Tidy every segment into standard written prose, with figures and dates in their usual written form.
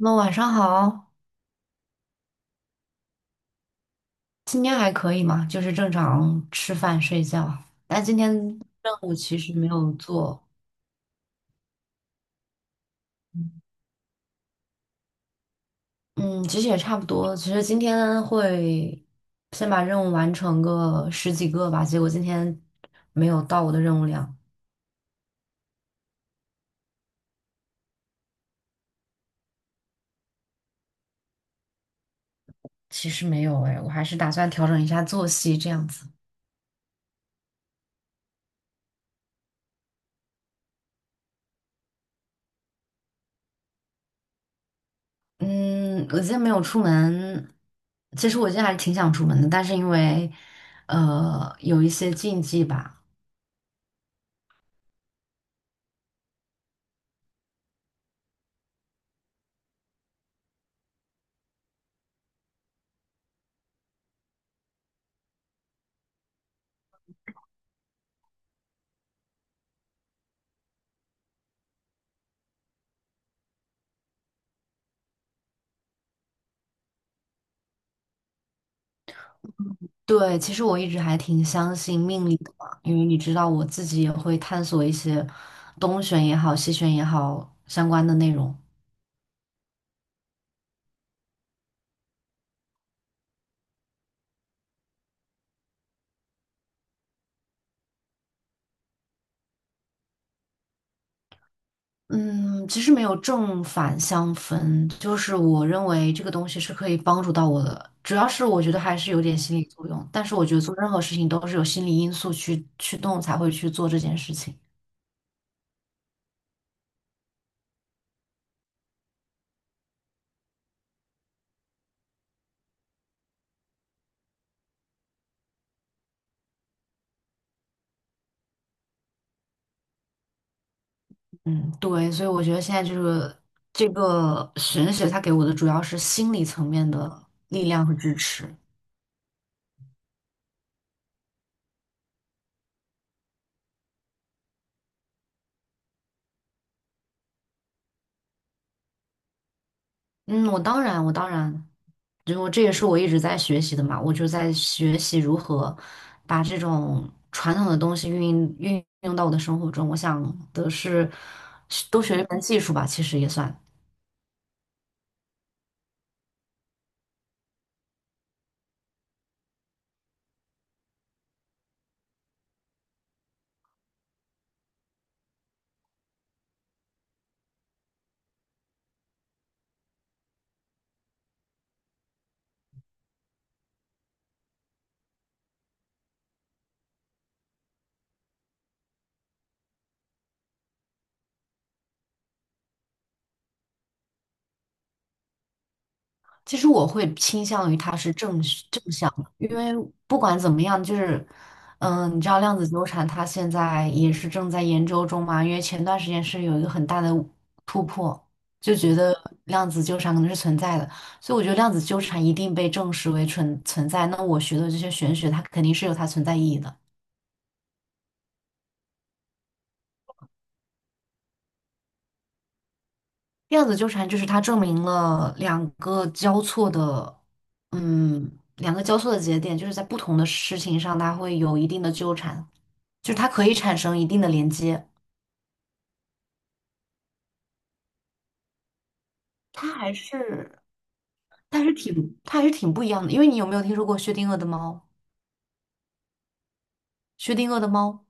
那晚上好。今天还可以嘛，就是正常吃饭睡觉。但今天任务其实没有做。嗯，其实也差不多。其实今天会先把任务完成个十几个吧，结果今天没有到我的任务量。其实没有哎，我还是打算调整一下作息这样子。嗯，我今天没有出门。其实我今天还是挺想出门的，但是因为有一些禁忌吧。对，其实我一直还挺相信命理的嘛，因为你知道我自己也会探索一些东玄也好、西玄也好相关的内容。嗯，其实没有正反相分，就是我认为这个东西是可以帮助到我的，主要是我觉得还是有点心理作用，但是我觉得做任何事情都是有心理因素去驱动才会去做这件事情。嗯，对，所以我觉得现在就是这个玄学，它给我的主要是心理层面的力量和支持。嗯，我当然，就这也是我一直在学习的嘛，我就在学习如何把这种传统的东西运用到我的生活中。我想的是，多学一门技术吧，其实也算。其实我会倾向于它是正向的，因为不管怎么样，就是，你知道量子纠缠它现在也是正在研究中嘛，因为前段时间是有一个很大的突破，就觉得量子纠缠可能是存在的，所以我觉得量子纠缠一定被证实为存在。那我学的这些玄学，它肯定是有它存在意义的。量子纠缠就是它证明了两个交错的，两个交错的节点，就是在不同的事情上，它会有一定的纠缠，就是它可以产生一定的连接。它还是，它还是挺不一样的。因为你有没有听说过薛定谔的猫？薛定谔的猫，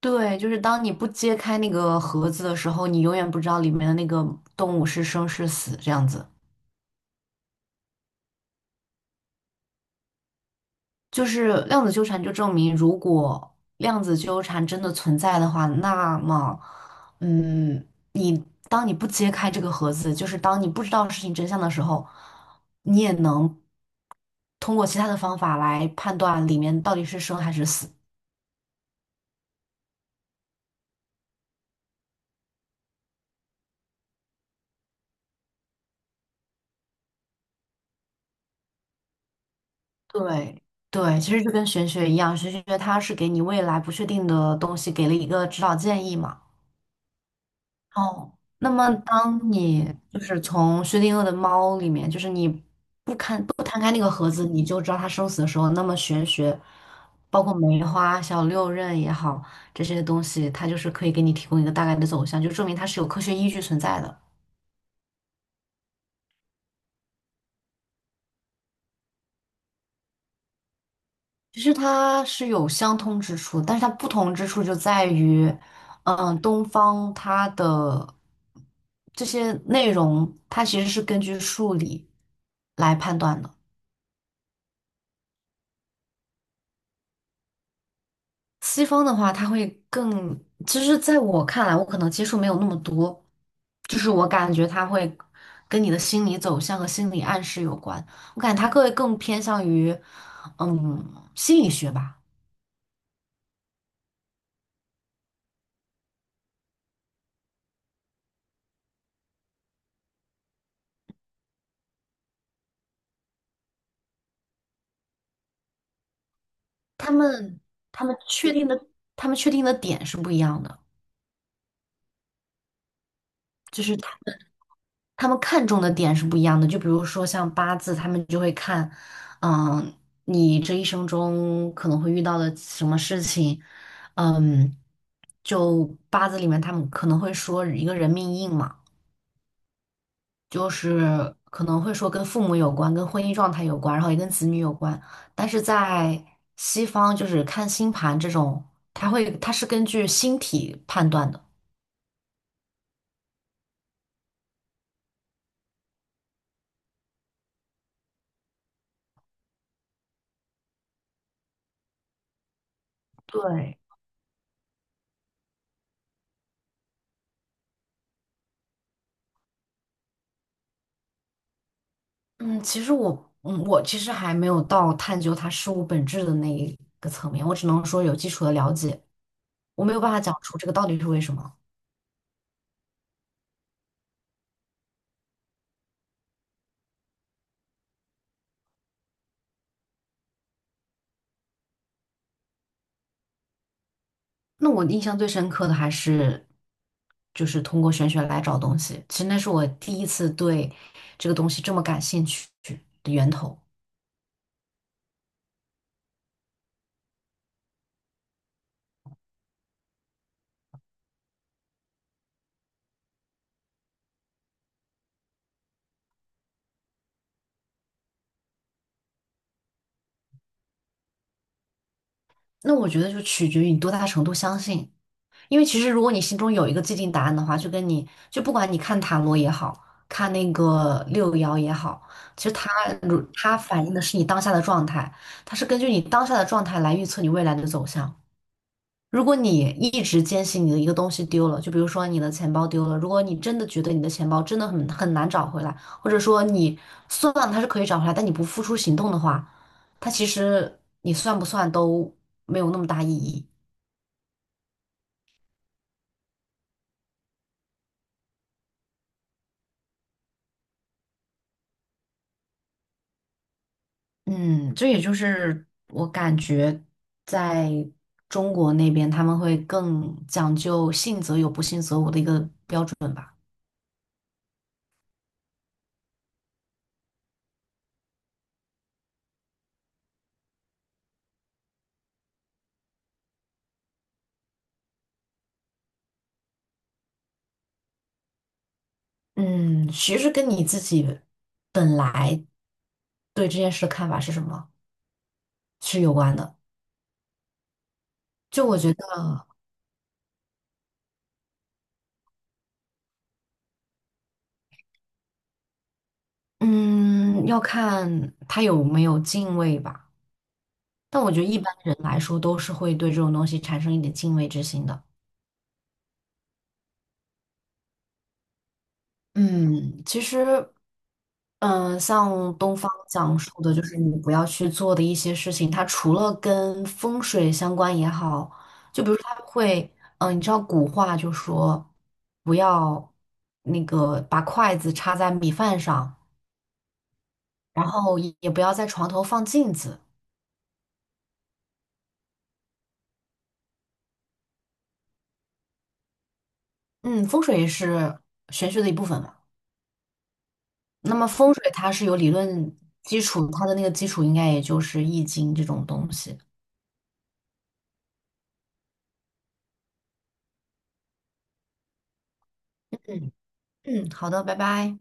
对，就是当你不揭开那个盒子的时候，你永远不知道里面的那个动物是生是死，这样子。就是量子纠缠就证明，如果量子纠缠真的存在的话，那么，嗯，你当你不揭开这个盒子，就是当你不知道事情真相的时候，你也能通过其他的方法来判断里面到底是生还是死。对对，其实就跟玄学一样，玄学它是给你未来不确定的东西给了一个指导建议嘛。哦，那么当你就是从薛定谔的猫里面，就是你不摊开那个盒子，你就知道它生死的时候，那么玄学，包括梅花、小六壬也好，这些东西，它就是可以给你提供一个大概的走向，就证明它是有科学依据存在的。其实它是有相通之处，但是它不同之处就在于，东方它的这些内容，它其实是根据数理来判断的。西方的话，它会更，其实在我看来，我可能接触没有那么多，就是我感觉它会跟你的心理走向和心理暗示有关。我感觉它更偏向于，心理学吧。他们他们确定的他们确定的点是不一样的，就是他们看重的点是不一样的。就比如说像八字，他们就会看，嗯，你这一生中可能会遇到的什么事情，嗯，就八字里面他们可能会说一个人命硬嘛，就是可能会说跟父母有关，跟婚姻状态有关，然后也跟子女有关。但是在西方，就是看星盘这种，它是根据星体判断的。对嗯，其实我其实还没有到探究它事物本质的那一个层面，我只能说有基础的了解，我没有办法讲出这个到底是为什么。那我印象最深刻的还是，就是通过玄学来找东西，其实那是我第一次对这个东西这么感兴趣的源头。那我觉得就取决于你多大程度相信，因为其实如果你心中有一个既定答案的话，就跟你就不管你看塔罗也好看那个六爻也好，其实它反映的是你当下的状态，它是根据你当下的状态来预测你未来的走向。如果你一直坚信你的一个东西丢了，就比如说你的钱包丢了，如果你真的觉得你的钱包真的很难找回来，或者说你算它是可以找回来，但你不付出行动的话，它其实你算不算都没有那么大意义。嗯，这也就是我感觉在中国那边他们会更讲究信则有，不信则无的一个，嗯，其实跟你自己本来对这件事的看法是什么是有关的。就我觉得，嗯，要看他有没有敬畏吧。但我觉得一般人来说都是会对这种东西产生一点敬畏之心的。嗯，其实，嗯、像东方讲述的，就是你不要去做的一些事情，它除了跟风水相关也好，就比如说它会，你知道古话就说，不要那个把筷子插在米饭上，然后也不要在床头放镜子。嗯，风水也是玄学的一部分嘛。那么风水它是有理论基础，它的那个基础应该也就是易经这种东西。嗯嗯，好的，拜拜。